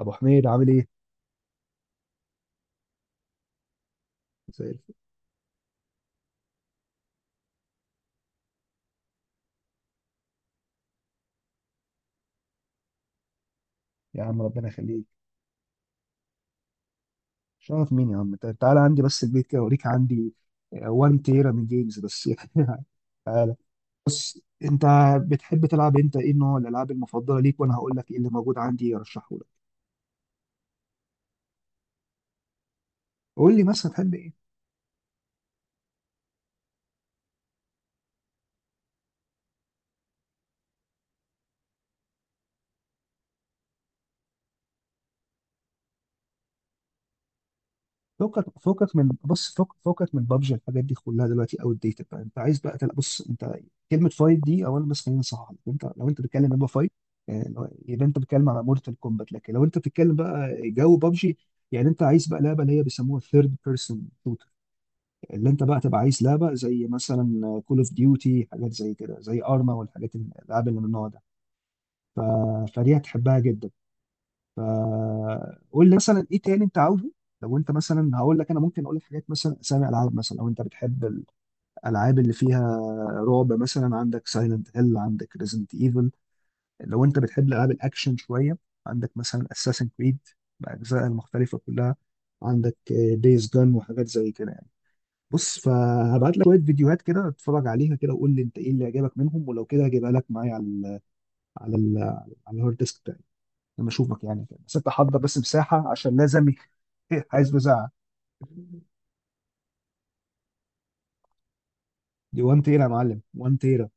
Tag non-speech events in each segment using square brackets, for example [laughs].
ابو حميد عامل ايه؟ زي الفل. يا عم ربنا يخليك. شرف مين يا عم. تعالى عندي بس البيت كده اوريك عندي 1 تيرا من جيمز بس يعني. [laughs] تعالى انت. بتحب تلعب انت ايه نوع الالعاب المفضله ليك؟ وانا هقول لك ايه اللي موجود عندي ارشحه لك. قول لي مثلا تحب إيه؟ فوقك من بابجي الحاجات دي كلها دلوقتي اوت ديتد بقى. انت عايز بقى تلعب، بص انت، كلمه فايت دي اولا بس خلينا نصحح لك. انت لو انت بتتكلم يبقى فايت، يعني يبقى انت بتتكلم على مورتال كومبات. لكن لو انت بتتكلم بقى جو بابجي، يعني انت عايز بقى لعبه اللي هي بيسموها ثيرد بيرسون شوتر. اللي انت بقى تبقى عايز لعبه زي مثلا كول اوف ديوتي، حاجات زي كده، زي ارما، والحاجات الالعاب اللي من النوع ده. ف... فدي هتحبها جدا. قول لي مثلا ايه تاني انت عاوزه. لو انت مثلا هقول لك، انا ممكن اقول لك حاجات مثلا اسامي العاب مثلا، او انت بتحب الالعاب اللي فيها رعب مثلا، عندك سايلنت هيل، عندك ريزنت ايفل. لو انت بتحب العاب الاكشن شويه، عندك مثلا اساسن كريد باجزائها المختلفه كلها، عندك دايز جان وحاجات زي كده يعني. بص فهبعت لك شويه فيديوهات كده، اتفرج عليها كده وقول لي انت ايه اللي عجبك منهم، ولو كده هجيبها لك معايا على ال على ال على الهارد ديسك بتاعي لما اشوفك يعني كده. بس انت حضر بس مساحه عشان لازم. [laughs] عايز مساحه. دي 1 تيرا يا معلم، 1 تيرا.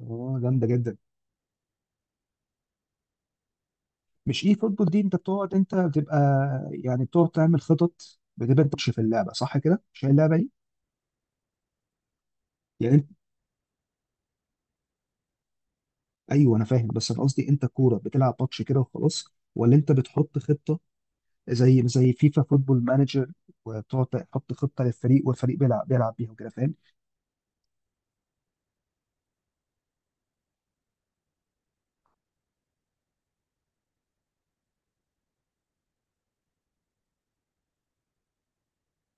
اه جامده جدا. مش اي فوتبول دي انت بتقعد، انت بتبقى يعني بتقعد تعمل خطط، بتبقى انت بتش في اللعبه صح كده؟ مش هي اللعبه دي؟ يعني انت، ايوه انا فاهم، بس انا قصدي انت كوره بتلعب ماتش كده وخلاص، ولا انت بتحط خطه زي فيفا فوتبول مانجر وتقعد تحط خطه للفريق والفريق بيلعب بيها وكده، فاهم؟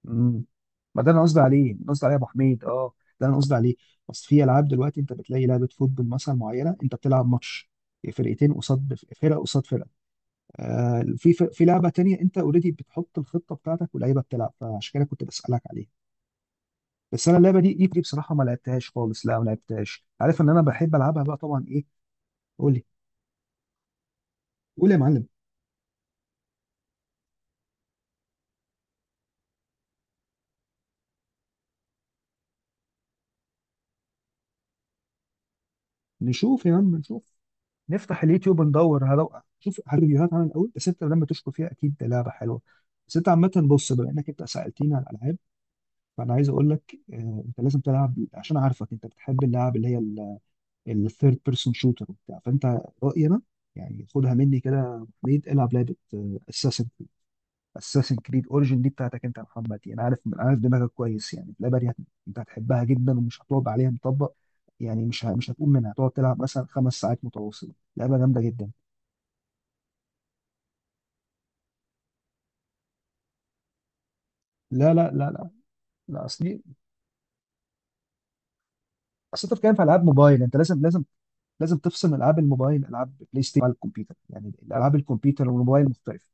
مم. ما ده انا قصدي عليه، انا قصدي عليه يا ابو حميد اه، ده انا قصدي عليه. بس في العاب دلوقتي انت بتلاقي لعبه فوتبول مثلا معينه، انت بتلعب ماتش فرقتين، قصاد فرقه قصاد فرقه. آه، في لعبه تانية انت اوريدي بتحط الخطه بتاعتك واللعيبه بتلعب، فعشان كده كنت بسالك عليها. بس انا اللعبه دي بصراحه ما لعبتهاش خالص، لا ما لعبتهاش، عارف ان انا بحب العبها بقى طبعا ايه. قول لي. قول يا معلم. نشوف يا عم نشوف. نفتح اليوتيوب ندور شوف ريفيوهات عن الاول، بس انت لما تشكر فيها اكيد ده لعبه حلوه. بس انت عامه، بص، بما انك انت سالتني على الالعاب فانا عايز اقول لك انت لازم تلعب، عشان عارفك انت بتحب اللعب اللي هي الثيرد بيرسون شوتر وبتاع، فانت رايي انا، يعني خدها مني كده يا أبو حميد، العب لعبه اساسن كريد. اساسن كريد اوريجن دي بتاعتك انت يا محمد، يعني عارف دماغك كويس، يعني اللعبه دي انت هتحبها جدا ومش هتقعد عليها مطبق، يعني مش هتقوم منها، هتقعد تلعب مثلا خمس ساعات متواصله، لعبه جامده جدا. لا لا لا لا. لا اصلي، اصل انت بتتكلم في العاب موبايل، انت لازم لازم تفصل العاب الموبايل، العاب بلاي ستيشن على الكمبيوتر، يعني الالعاب الكمبيوتر والموبايل مختلفه.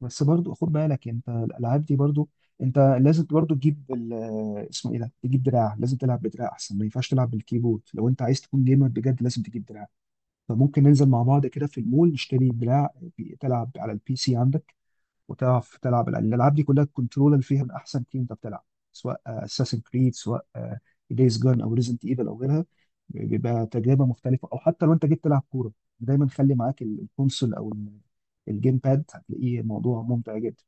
بس برضو خد بالك انت الالعاب دي برضو انت لازم برضو تجيب اسمه ايه ده، تجيب دراع. لازم تلعب بدراع احسن، ما ينفعش تلعب بالكيبورد لو انت عايز تكون جيمر بجد، لازم تجيب دراع. فممكن ننزل مع بعض كده في المول نشتري دراع تلعب على البي سي عندك وتعرف تلعب الألعاب، دي كلها الكنترول اللي فيها من أحسن تيم. أنت بتلعب سواء اساسن كريد، سواء دايز جون أو ريزنت ايفل أو غيرها، بيبقى تجربة مختلفة. أو حتى لو أنت جيت تلعب كورة، دايما خلي معاك الكونسول أو الجيم باد، هتلاقيه موضوع ممتع جدا.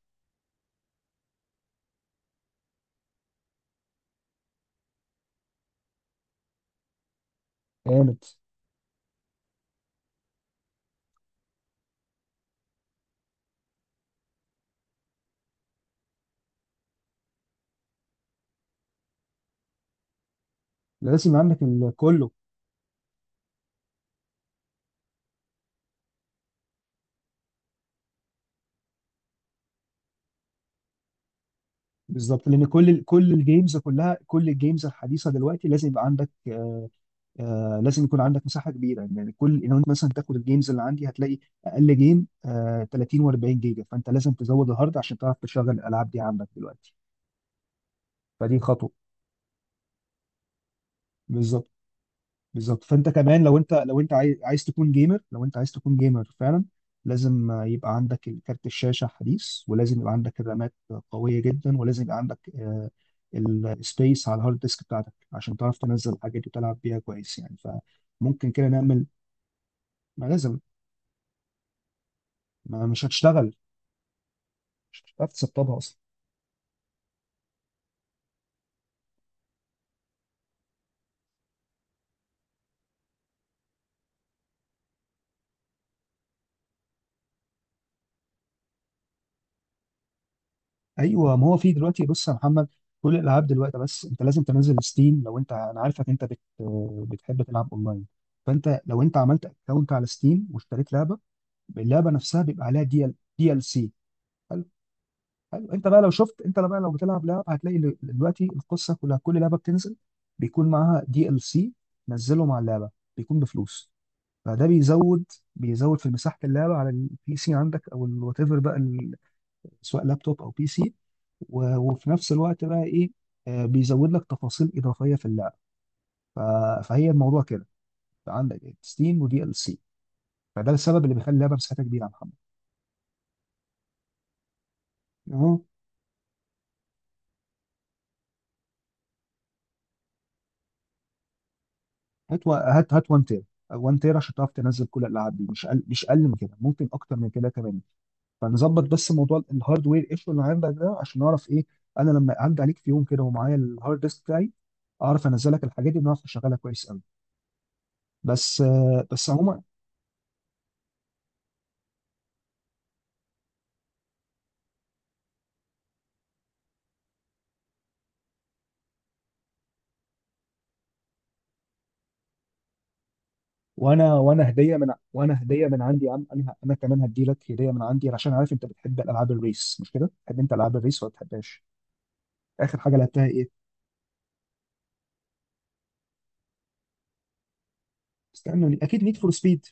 جامد. لازم يبقى عندك كله. بالظبط، لأن كل الجيمز كلها، كل الجيمز الحديثة دلوقتي لازم يبقى عندك آه لازم يكون عندك مساحه كبيره، يعني كل لو انت مثلا تاخد الجيمز اللي عندي هتلاقي اقل جيم 30 و40 جيجا، فانت لازم تزود الهارد عشان تعرف تشغل الالعاب دي عندك دلوقتي. فدي خطوه. بالظبط. بالظبط، فانت كمان لو انت عايز تكون جيمر، لو انت عايز تكون جيمر فعلا، لازم يبقى عندك كارت الشاشه حديث، ولازم يبقى عندك الرامات قويه جدا، ولازم يبقى عندك السبيس على الهارد ديسك بتاعتك عشان تعرف تنزل الحاجات دي وتلعب بيها كويس يعني. فممكن كده نعمل، ما لازم، ما مش هتشتغل، مش هتعرف تسطبها اصلا. ايوه، ما هو في دلوقتي، بص يا محمد، كل الالعاب دلوقتي، بس انت لازم تنزل ستيم. لو انت، انا عارفك انت بتحب تلعب اونلاين، فانت لو انت عملت اكونت على ستيم واشتريت لعبه، اللعبه نفسها بيبقى عليها دي ال سي. حلو. حلو. انت بقى لو شفت، انت بقى لو بتلعب لعبه هتلاقي دلوقتي القصه كلها، كل لعبه بتنزل بيكون معاها دي ال سي، نزله مع اللعبه بيكون بفلوس، فده بيزود، في مساحه اللعبه على البي سي عندك او الوات ايفر بقى سواء لابتوب او بي سي، وفي نفس الوقت بقى ايه، بيزود لك تفاصيل اضافيه في اللعبه. ف... فهي الموضوع كده، عندك ستيم ودي ال سي، فده السبب اللي بيخلي اللعبه مساحتها كبيره يا محمد. اهو. هات 1 تير، 1 تير عشان تعرف تنزل كل الالعاب دي، مش اقل من كده، ممكن اكتر من كده كمان. فنظبط بس موضوع الهاردوير ايشو اللي عندك ده عشان نعرف ايه، انا لما اعدي عليك في يوم كده ومعايا الهارد ديسك بتاعي اعرف انزلك الحاجات دي ونعرف نشغلها كويس قوي. بس بس عموما، وانا وانا هديه من وانا هديه من عندي يا عم، انا كمان هدي لك هديه من عندي، عشان عارف انت بتحب الالعاب الريس مش كده؟ بتحب انت العاب الريس ولا بتحبهاش؟ اخر حاجه لعبتها ايه؟ استنى، اكيد نيد فور سبيد.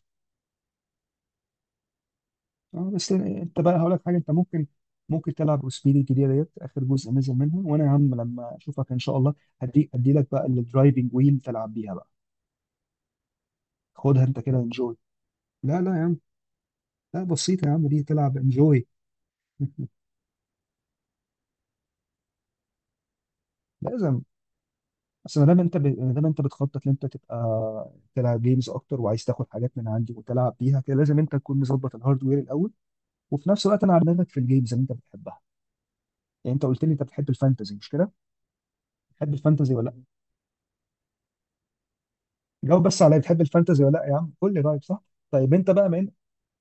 اه، بس انت بقى هقول لك حاجه، انت ممكن تلعب سبيد الجديده ديت، اخر جزء نزل منها، وانا يا عم لما اشوفك ان شاء الله هدي لك بقى الدرايفنج ويل تلعب بيها بقى. خدها انت كده انجوي. لا لا يا عم. لا بسيطه يا عم، دي تلعب انجوي. [laughs] لازم. بس ما دام انت بتخطط ان انت تبقى تلعب جيمز اكتر وعايز تاخد حاجات من عندي وتلعب بيها كده، لازم انت تكون مظبط الهاردوير الاول، وفي نفس الوقت انا على دماغك في الجيمز اللي انت بتحبها. يعني انت قلت لي انت بتحب الفانتزي مش كده؟ بتحب الفانتزي ولا لا؟ جاوب بس عليا، بتحب الفانتزي ولا لا يا عم؟ قول لي رايك صح؟ طيب انت بقى من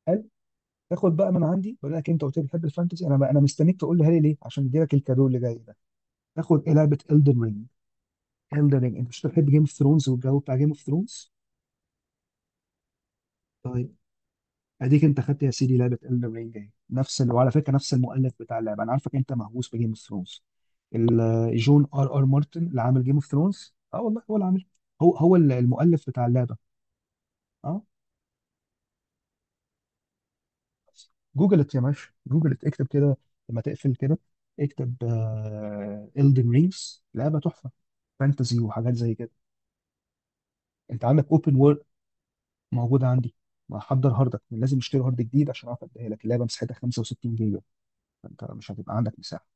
قال تاخد بقى من عندي، بقول لك انت قلت لي بتحب الفانتزي، انا بقى انا مستنيك تقول لي هالي ليه عشان ادي لك الكادو اللي جاي ده. تاخد ايه؟ لعبه Elden Ring. Elden Ring، انت مش بتحب جيم اوف ثرونز والجو بتاع جيم اوف ثرونز؟ اديك انت خدت يا سيدي لعبه Elden Ring اهي، نفس وعلى فكره نفس المؤلف بتاع اللعبه، انا عارفك انت مهووس بجيم اوف ثرونز. جون ار ار مارتن اللي عامل جيم اوف ثرونز، اه والله هو اللي عامل، هو هو المؤلف بتاع اللعبه. اه. جوجلت يا باشا، جوجلت، اكتب كده لما تقفل كده، اكتب إلدن رينجز، لعبة تحفة، فانتزي وحاجات زي كده. انت عندك اوبن وورلد؟ موجودة عندي. محضر هاردك؟ لازم اشتري هارد جديد عشان اعرف اديها لك، اللعبة مساحتها 65 جيجا، فانت مش هتبقى عندك مساحة.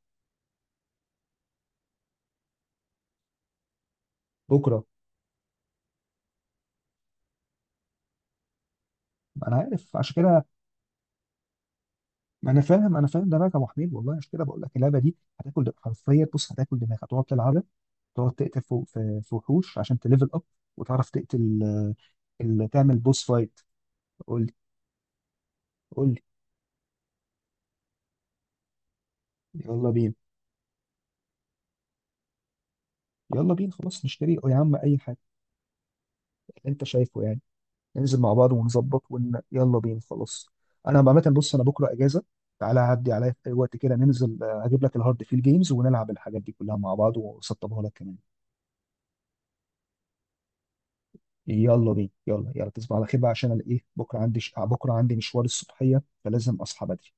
بكرة. انا عارف عشان كده. انا فاهم دماغك يا ابو حميد والله، عشان كده بقول لك اللعبه دي هتاكل حرفيا، بص هتاكل دماغك، هتقعد تلعبها، تقعد تقتل في وحوش عشان تليفل اب وتعرف تقتل، تعمل بوس فايت. قول لي. قول لي. يلا بينا. يلا بينا خلاص، نشتري يا عم اي حاجه اللي انت شايفه يعني، ننزل مع بعض ونظبط يلا بينا خلاص. انا عامه بص، انا بكره اجازه، تعالى عدي عليا في اي وقت كده، ننزل اجيب لك الهارد فيل جيمز ونلعب الحاجات دي كلها مع بعض واسطبها لك كمان. يلا بينا. يلا يلا تصبح على خير بقى، عشان انا ايه، بكره عندي بكره عندي مشوار الصبحيه فلازم اصحى بدري.